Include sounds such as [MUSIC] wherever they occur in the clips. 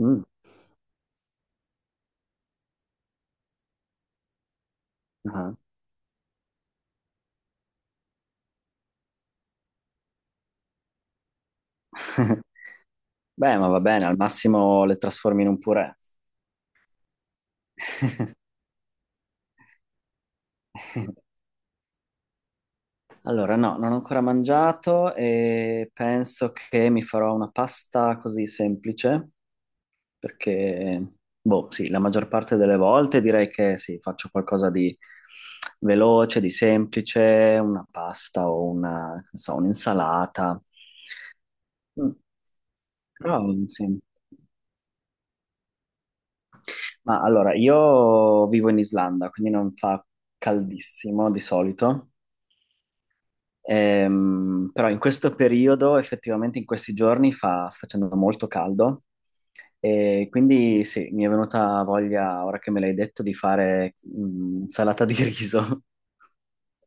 Mm, ah. [LAUGHS] Beh, ma va bene, al massimo le trasformi in un purè. Allora, no, non ho ancora mangiato e penso che mi farò una pasta così semplice, perché, boh, sì, la maggior parte delle volte direi che sì, faccio qualcosa di veloce, di semplice, una pasta o una, non so, un'insalata. Mm, però, sì. Ma allora, io vivo in Islanda, quindi non fa caldissimo di solito. Però in questo periodo, effettivamente in questi giorni, fa, sta facendo molto caldo e quindi sì, mi è venuta voglia, ora che me l'hai detto, di fare salata di riso.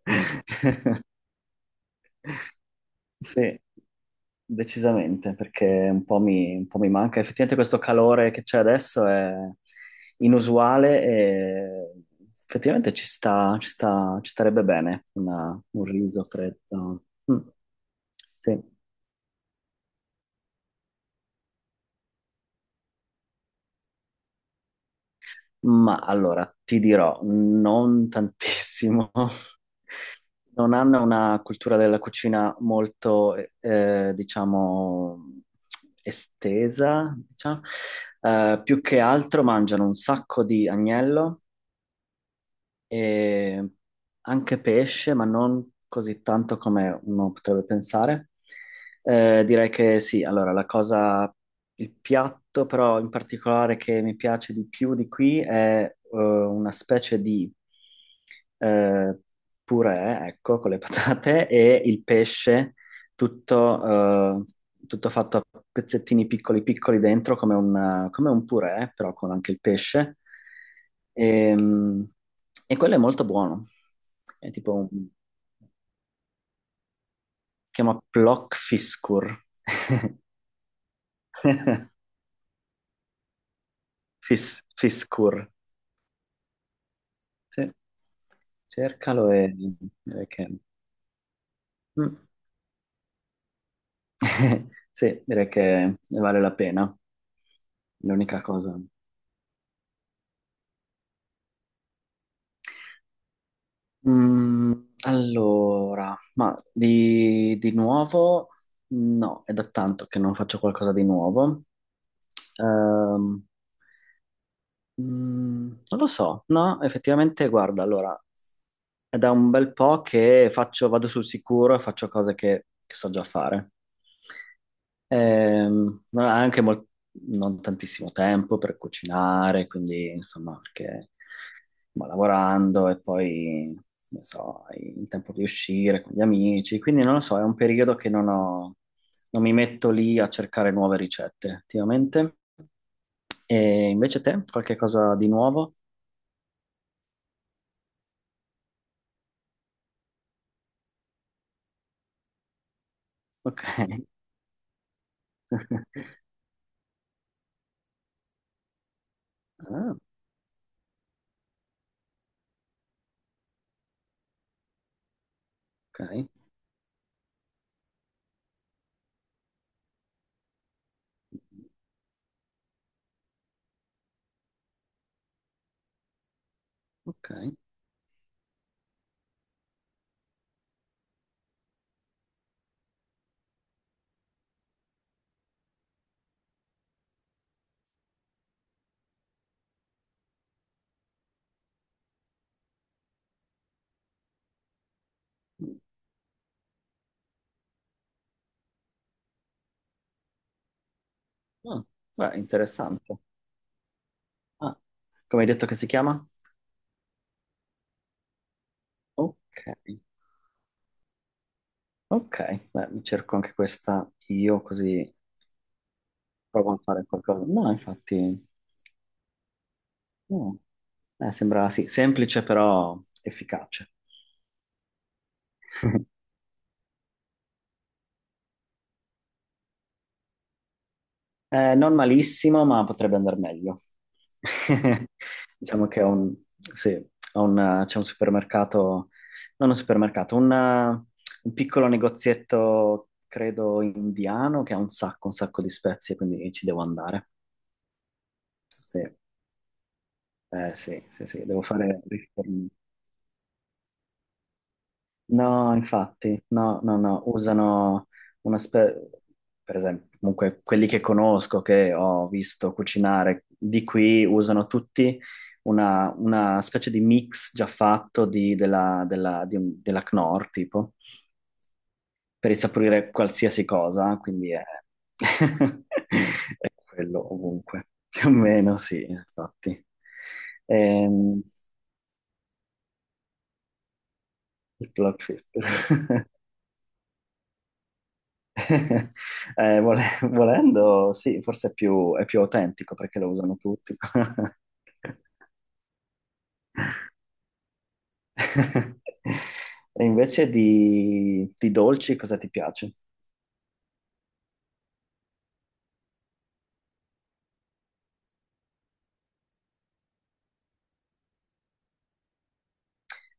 [LAUGHS] Sì, decisamente, perché un po' mi manca. Effettivamente questo calore che c'è adesso è inusuale e effettivamente ci sta, ci starebbe bene un riso freddo. Mm, sì. Ma allora, ti dirò, non tantissimo. [LAUGHS] Non hanno una cultura della cucina molto, diciamo, estesa, diciamo. Più che altro mangiano un sacco di agnello e anche pesce, ma non così tanto come uno potrebbe pensare. Direi che sì, allora la cosa, il piatto però in particolare che mi piace di più di qui è una specie di eh, purè, ecco, con le [LAUGHS] patate e il pesce tutto, tutto fatto a pezzettini piccoli piccoli dentro, come un purè, però con anche il pesce. E, e quello è molto buono. È tipo un si chiama Plock Fiskur. [LAUGHS] Fiskur. Sì. Cercalo e direi che Mm. [LAUGHS] Sì, direi che ne vale la pena. L'unica cosa. Mm, allora, ma di nuovo no, è da tanto che non faccio qualcosa di nuovo. Ehm, non lo so, no, effettivamente, guarda, allora, è da un bel po' che faccio, vado sul sicuro e faccio cose che so già fare. Non ha anche mol- non tantissimo tempo per cucinare, quindi insomma, perché va lavorando e poi, non so, hai il tempo di uscire con gli amici, quindi non lo so, è un periodo che non mi metto lì a cercare nuove ricette attivamente. E invece te, qualche cosa di nuovo? Ok. [LAUGHS] Ah, ok, ok. Ah, beh, interessante. Ah, come hai detto che si chiama? Ok. Ok, beh, mi cerco anche questa io così provo a fare qualcosa. No, infatti, no. Sembra sì, semplice però efficace. [LAUGHS] Non malissimo, ma potrebbe andare meglio. [LAUGHS] Diciamo che è un, sì, è un, c'è un supermercato, non un supermercato, un piccolo negozietto, credo, indiano che ha un sacco di spezie, quindi ci devo andare. Sì, sì, sì, sì, devo fare riforme. No, infatti, no, no, no, usano una spe- per esempio, comunque quelli che conosco, che ho visto cucinare di qui, usano tutti una specie di mix già fatto della, della Knorr, tipo, per insaporire qualsiasi cosa, quindi è, [LAUGHS] è quello ovunque, più o meno, sì, infatti. Ehm, il plot twist. [LAUGHS] [LAUGHS] Volendo, sì, forse è più autentico perché lo usano tutti. [LAUGHS] E invece di dolci cosa ti piace?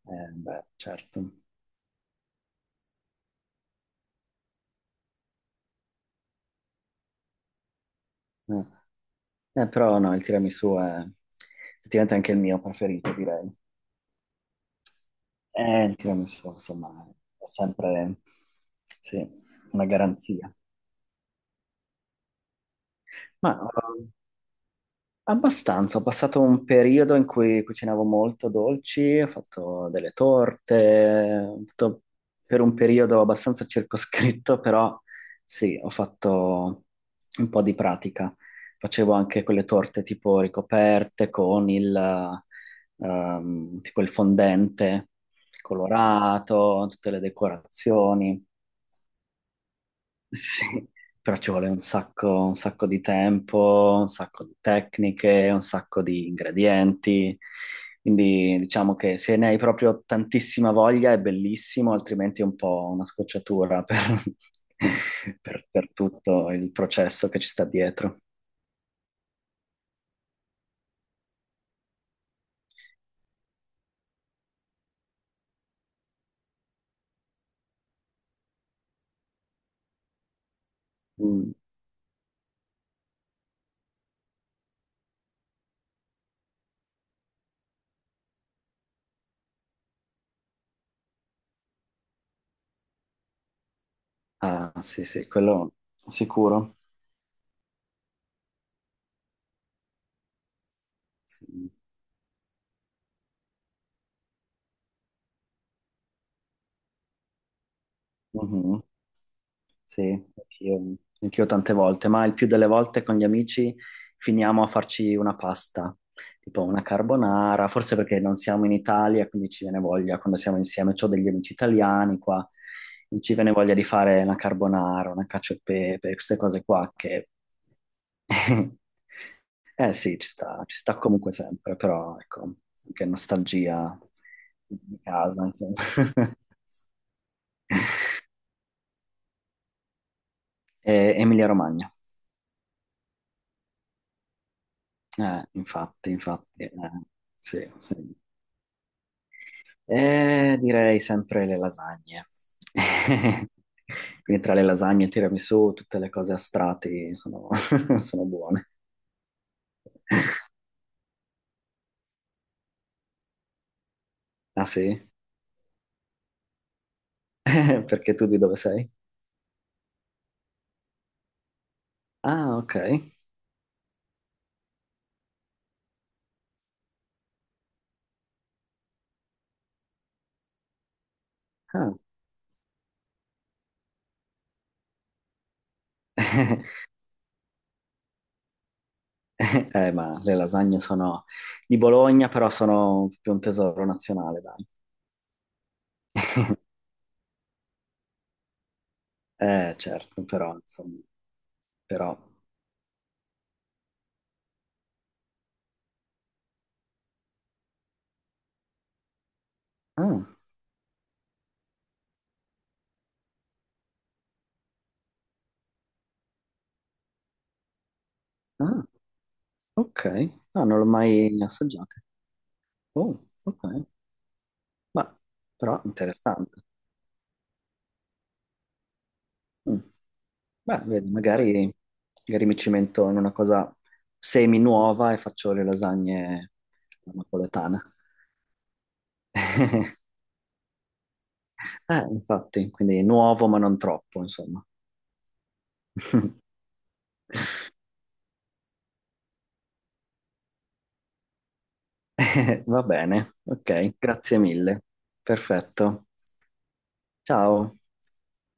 Beh, certo. Eh, però no, il tiramisù è effettivamente anche il mio preferito, direi. Il tiramisù, insomma, è sempre, sì, una garanzia. Ma eh, abbastanza, ho passato un periodo in cui cucinavo molto dolci, ho fatto delle torte, ho fatto per un periodo abbastanza circoscritto, però sì, ho fatto un po' di pratica. Facevo anche quelle torte tipo ricoperte con il, tipo il fondente colorato, tutte le decorazioni. Sì, però ci vuole un sacco di tempo, un sacco di tecniche, un sacco di ingredienti. Quindi diciamo che se ne hai proprio tantissima voglia è bellissimo, altrimenti è un po' una scocciatura per, [LAUGHS] per tutto il processo che ci sta dietro. Mm. Ah, sì, sì, quello sicuro. Sì. Mm-hmm. Sì, anch'io anch'io tante volte, ma il più delle volte con gli amici finiamo a farci una pasta, tipo una carbonara, forse perché non siamo in Italia, quindi ci viene voglia quando siamo insieme. Ho degli amici italiani qua, e ci viene voglia di fare una carbonara, una cacio e pepe, queste cose qua che [LAUGHS] Eh sì, ci sta comunque sempre, però ecco, che nostalgia di casa, insomma. [LAUGHS] Emilia Romagna. Infatti, infatti, sì, sì. Direi sempre le lasagne. [LAUGHS] Quindi tra le lasagne, il tiramisù, tutte le cose a strati sono, [LAUGHS] sono buone. Ah sì? [LAUGHS] Perché tu di dove sei? Ah, ok. Ah. [LAUGHS] Ma le lasagne sono di Bologna, però sono più un tesoro nazionale, dai. [LAUGHS] Certo, però, insomma, però Ah, ah, ok. Ah, non l'ho mai assaggiate. Oh, ok. Ma però interessante. Mm. Beh, vedi, magari, magari mi cimento in una cosa semi nuova e faccio le lasagne napoletane. Infatti, quindi nuovo ma non troppo, insomma. [LAUGHS] Va bene, ok, grazie mille. Perfetto. Ciao.